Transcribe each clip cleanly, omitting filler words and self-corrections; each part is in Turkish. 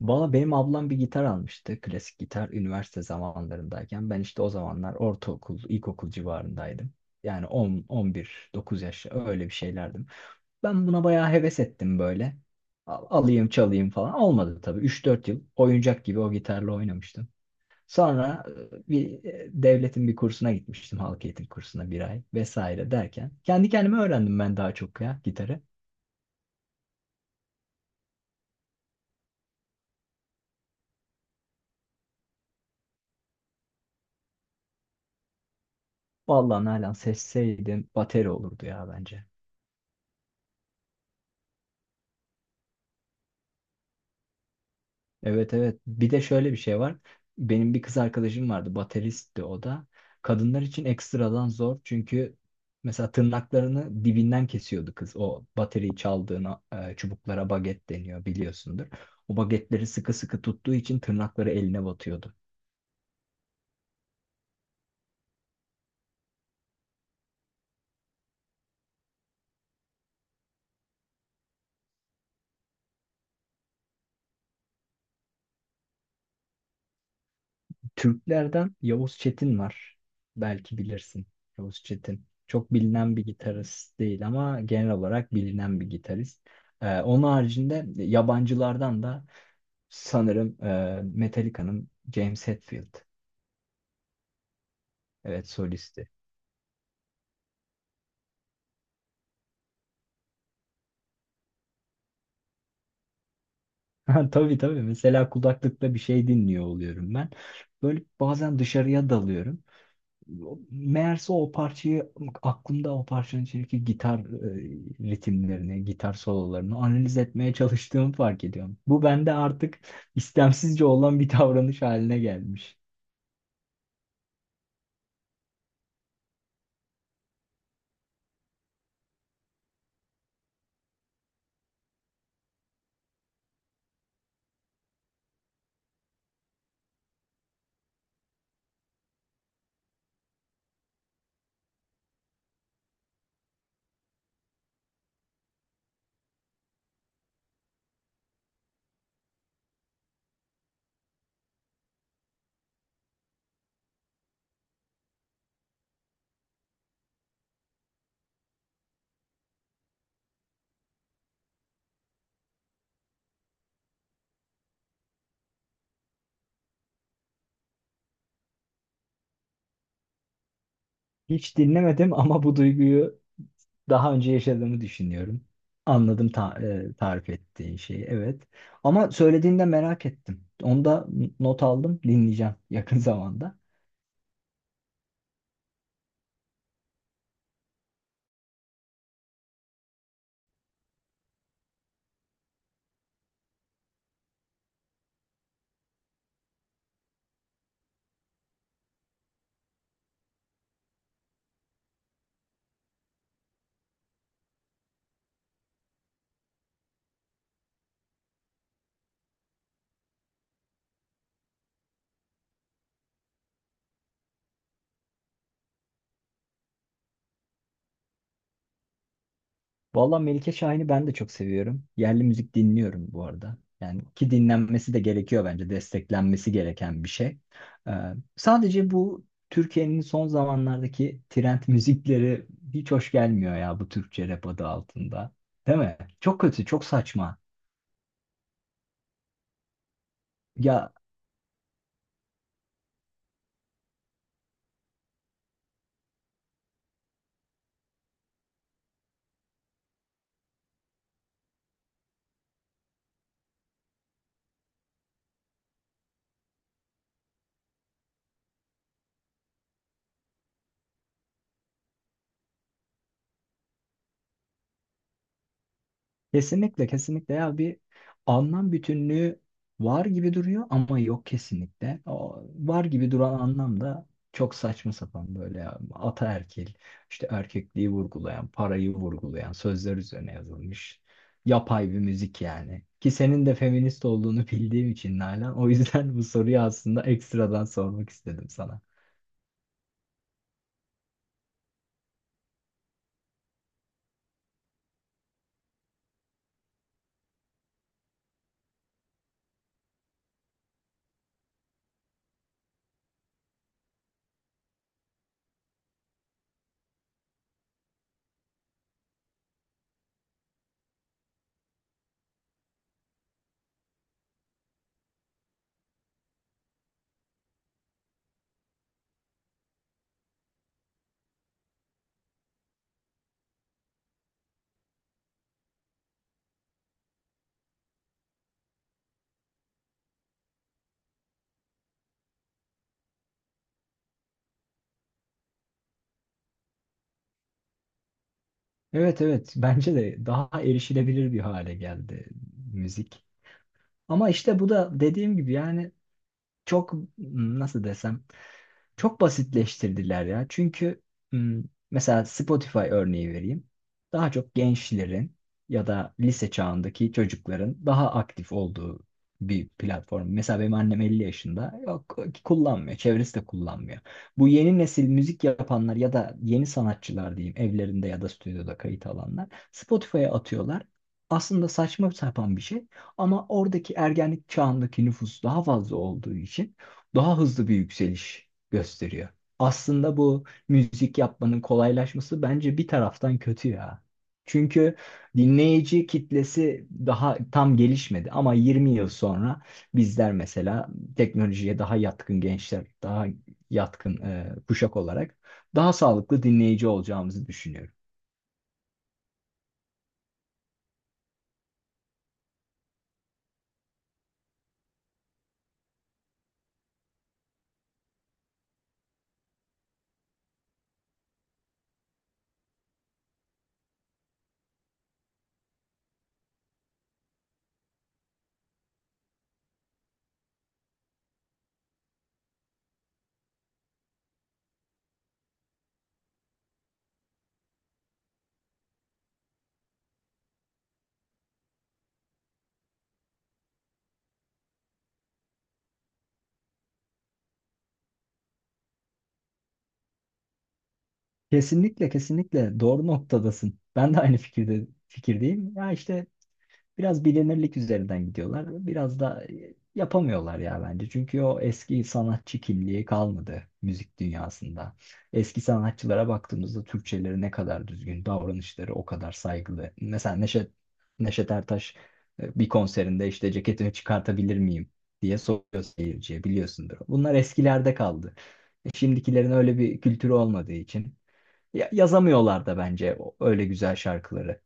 Valla benim ablam bir gitar almıştı. Klasik gitar üniversite zamanlarındayken. Ben işte o zamanlar ortaokul, ilkokul civarındaydım. Yani 10, 11, 9 yaş öyle bir şeylerdim. Ben buna bayağı heves ettim böyle. Alayım çalayım falan. Olmadı tabii. 3-4 yıl oyuncak gibi o gitarla oynamıştım. Sonra bir devletin bir kursuna gitmiştim. Halk eğitim kursuna bir ay vesaire derken. Kendi kendime öğrendim ben daha çok ya gitarı. Vallahi Nalan seçseydim bateri olurdu ya bence. Evet, evet. Bir de şöyle bir şey var. Benim bir kız arkadaşım vardı. Bateristti o da. Kadınlar için ekstradan zor. Çünkü mesela tırnaklarını dibinden kesiyordu kız. O bateriyi çaldığına çubuklara baget deniyor biliyorsundur. O bagetleri sıkı sıkı tuttuğu için tırnakları eline batıyordu. Türklerden Yavuz Çetin var. Belki bilirsin. Yavuz Çetin. Çok bilinen bir gitarist değil ama genel olarak bilinen bir gitarist. Onun haricinde yabancılardan da sanırım Metallica'nın James Hetfield. Evet, solisti. Ha, tabii tabii. Mesela kulaklıkta bir şey dinliyor oluyorum ben. Böyle bazen dışarıya dalıyorum. Meğerse o parçayı, aklımda o parçanın içindeki gitar ritimlerini, gitar sololarını analiz etmeye çalıştığımı fark ediyorum. Bu bende artık istemsizce olan bir davranış haline gelmiş. Hiç dinlemedim ama bu duyguyu daha önce yaşadığımı düşünüyorum. Anladım tarif ettiğin şeyi. Evet. Ama söylediğinde merak ettim. Onu da not aldım. Dinleyeceğim yakın zamanda. Vallahi Melike Şahin'i ben de çok seviyorum. Yerli müzik dinliyorum bu arada. Yani ki dinlenmesi de gerekiyor bence. Desteklenmesi gereken bir şey. Ee, sadece bu Türkiye'nin son zamanlardaki trend müzikleri hiç hoş gelmiyor ya bu Türkçe rap adı altında. Değil mi? Çok kötü, çok saçma. Ya, kesinlikle. Ya bir anlam bütünlüğü var gibi duruyor ama yok kesinlikle. O var gibi duran anlam da çok saçma sapan böyle ya. Ataerkil, işte erkekliği vurgulayan, parayı vurgulayan sözler üzerine yazılmış yapay bir müzik yani. Ki senin de feminist olduğunu bildiğim için Nalan o yüzden bu soruyu aslında ekstradan sormak istedim sana. Evet, evet, bence de daha erişilebilir bir hale geldi müzik. Ama işte bu da dediğim gibi yani çok, nasıl desem, çok basitleştirdiler ya. Çünkü m, mesela Spotify örneği vereyim. Daha çok gençlerin ya da lise çağındaki çocukların daha aktif olduğu bir platform. Mesela benim annem 50 yaşında. Yok, kullanmıyor. Çevresi de kullanmıyor. Bu yeni nesil müzik yapanlar ya da yeni sanatçılar diyeyim evlerinde ya da stüdyoda kayıt alanlar Spotify'a atıyorlar. Aslında saçma sapan bir şey ama oradaki ergenlik çağındaki nüfus daha fazla olduğu için daha hızlı bir yükseliş gösteriyor. Aslında bu müzik yapmanın kolaylaşması bence bir taraftan kötü ya. Çünkü dinleyici kitlesi daha tam gelişmedi ama 20 yıl sonra bizler mesela teknolojiye daha yatkın gençler, daha yatkın kuşak olarak daha sağlıklı dinleyici olacağımızı düşünüyorum. Kesinlikle, kesinlikle doğru noktadasın. Ben de aynı fikirdeyim. Ya işte biraz bilinirlik üzerinden gidiyorlar. Biraz da yapamıyorlar ya bence. Çünkü o eski sanatçı kimliği kalmadı müzik dünyasında. Eski sanatçılara baktığımızda Türkçeleri ne kadar düzgün, davranışları o kadar saygılı. Mesela Neşet Ertaş bir konserinde işte ceketimi çıkartabilir miyim diye soruyor seyirciye, biliyorsundur. Bunlar eskilerde kaldı. Şimdikilerin öyle bir kültürü olmadığı için yazamıyorlar da bence öyle güzel şarkıları.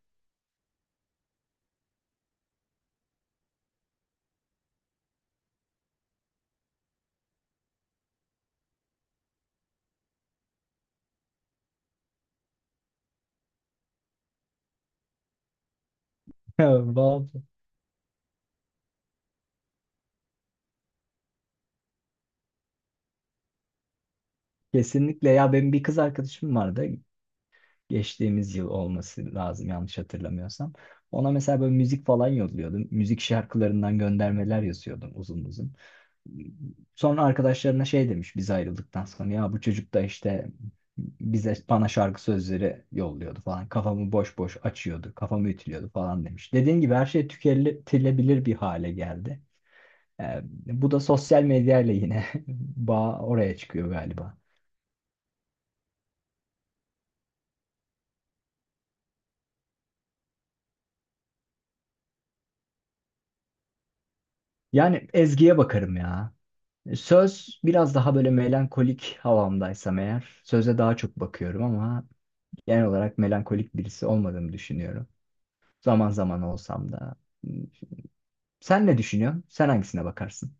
Kesinlikle ya, benim bir kız arkadaşım vardı, geçtiğimiz yıl olması lazım yanlış hatırlamıyorsam. Ona mesela böyle müzik falan yolluyordum. Müzik şarkılarından göndermeler yazıyordum uzun uzun. Sonra arkadaşlarına şey demiş biz ayrıldıktan sonra: ya bu çocuk da işte bana şarkı sözleri yolluyordu falan. Kafamı boş boş açıyordu, kafamı ütülüyordu falan demiş. Dediğin gibi her şey tüketilebilir bir hale geldi. Ee, bu da sosyal medyayla yine bağ oraya çıkıyor galiba. Yani ezgiye bakarım ya. Söz, biraz daha böyle melankolik havamdaysam eğer söze daha çok bakıyorum ama genel olarak melankolik birisi olmadığımı düşünüyorum. Zaman zaman olsam da. Sen ne düşünüyorsun? Sen hangisine bakarsın?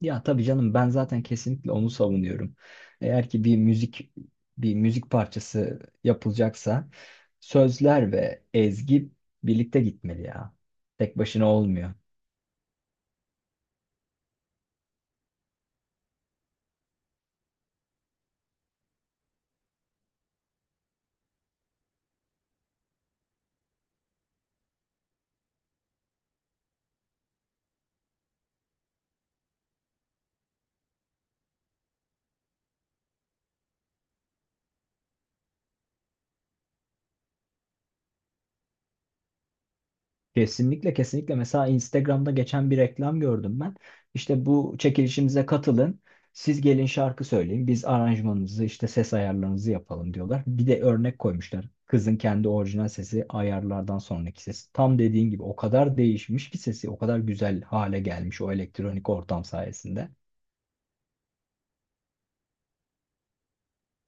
Ya tabii canım, ben zaten kesinlikle onu savunuyorum. Eğer ki bir müzik, bir müzik parçası yapılacaksa sözler ve ezgi birlikte gitmeli ya. Tek başına olmuyor. Kesinlikle, kesinlikle, mesela Instagram'da geçen bir reklam gördüm ben. İşte bu çekilişimize katılın. Siz gelin şarkı söyleyin. Biz aranjmanınızı işte ses ayarlarınızı yapalım diyorlar. Bir de örnek koymuşlar. Kızın kendi orijinal sesi, ayarlardan sonraki sesi. Tam dediğin gibi o kadar değişmiş ki sesi, o kadar güzel hale gelmiş o elektronik ortam sayesinde.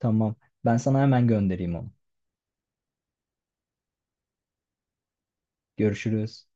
Tamam. Ben sana hemen göndereyim onu. Görüşürüz.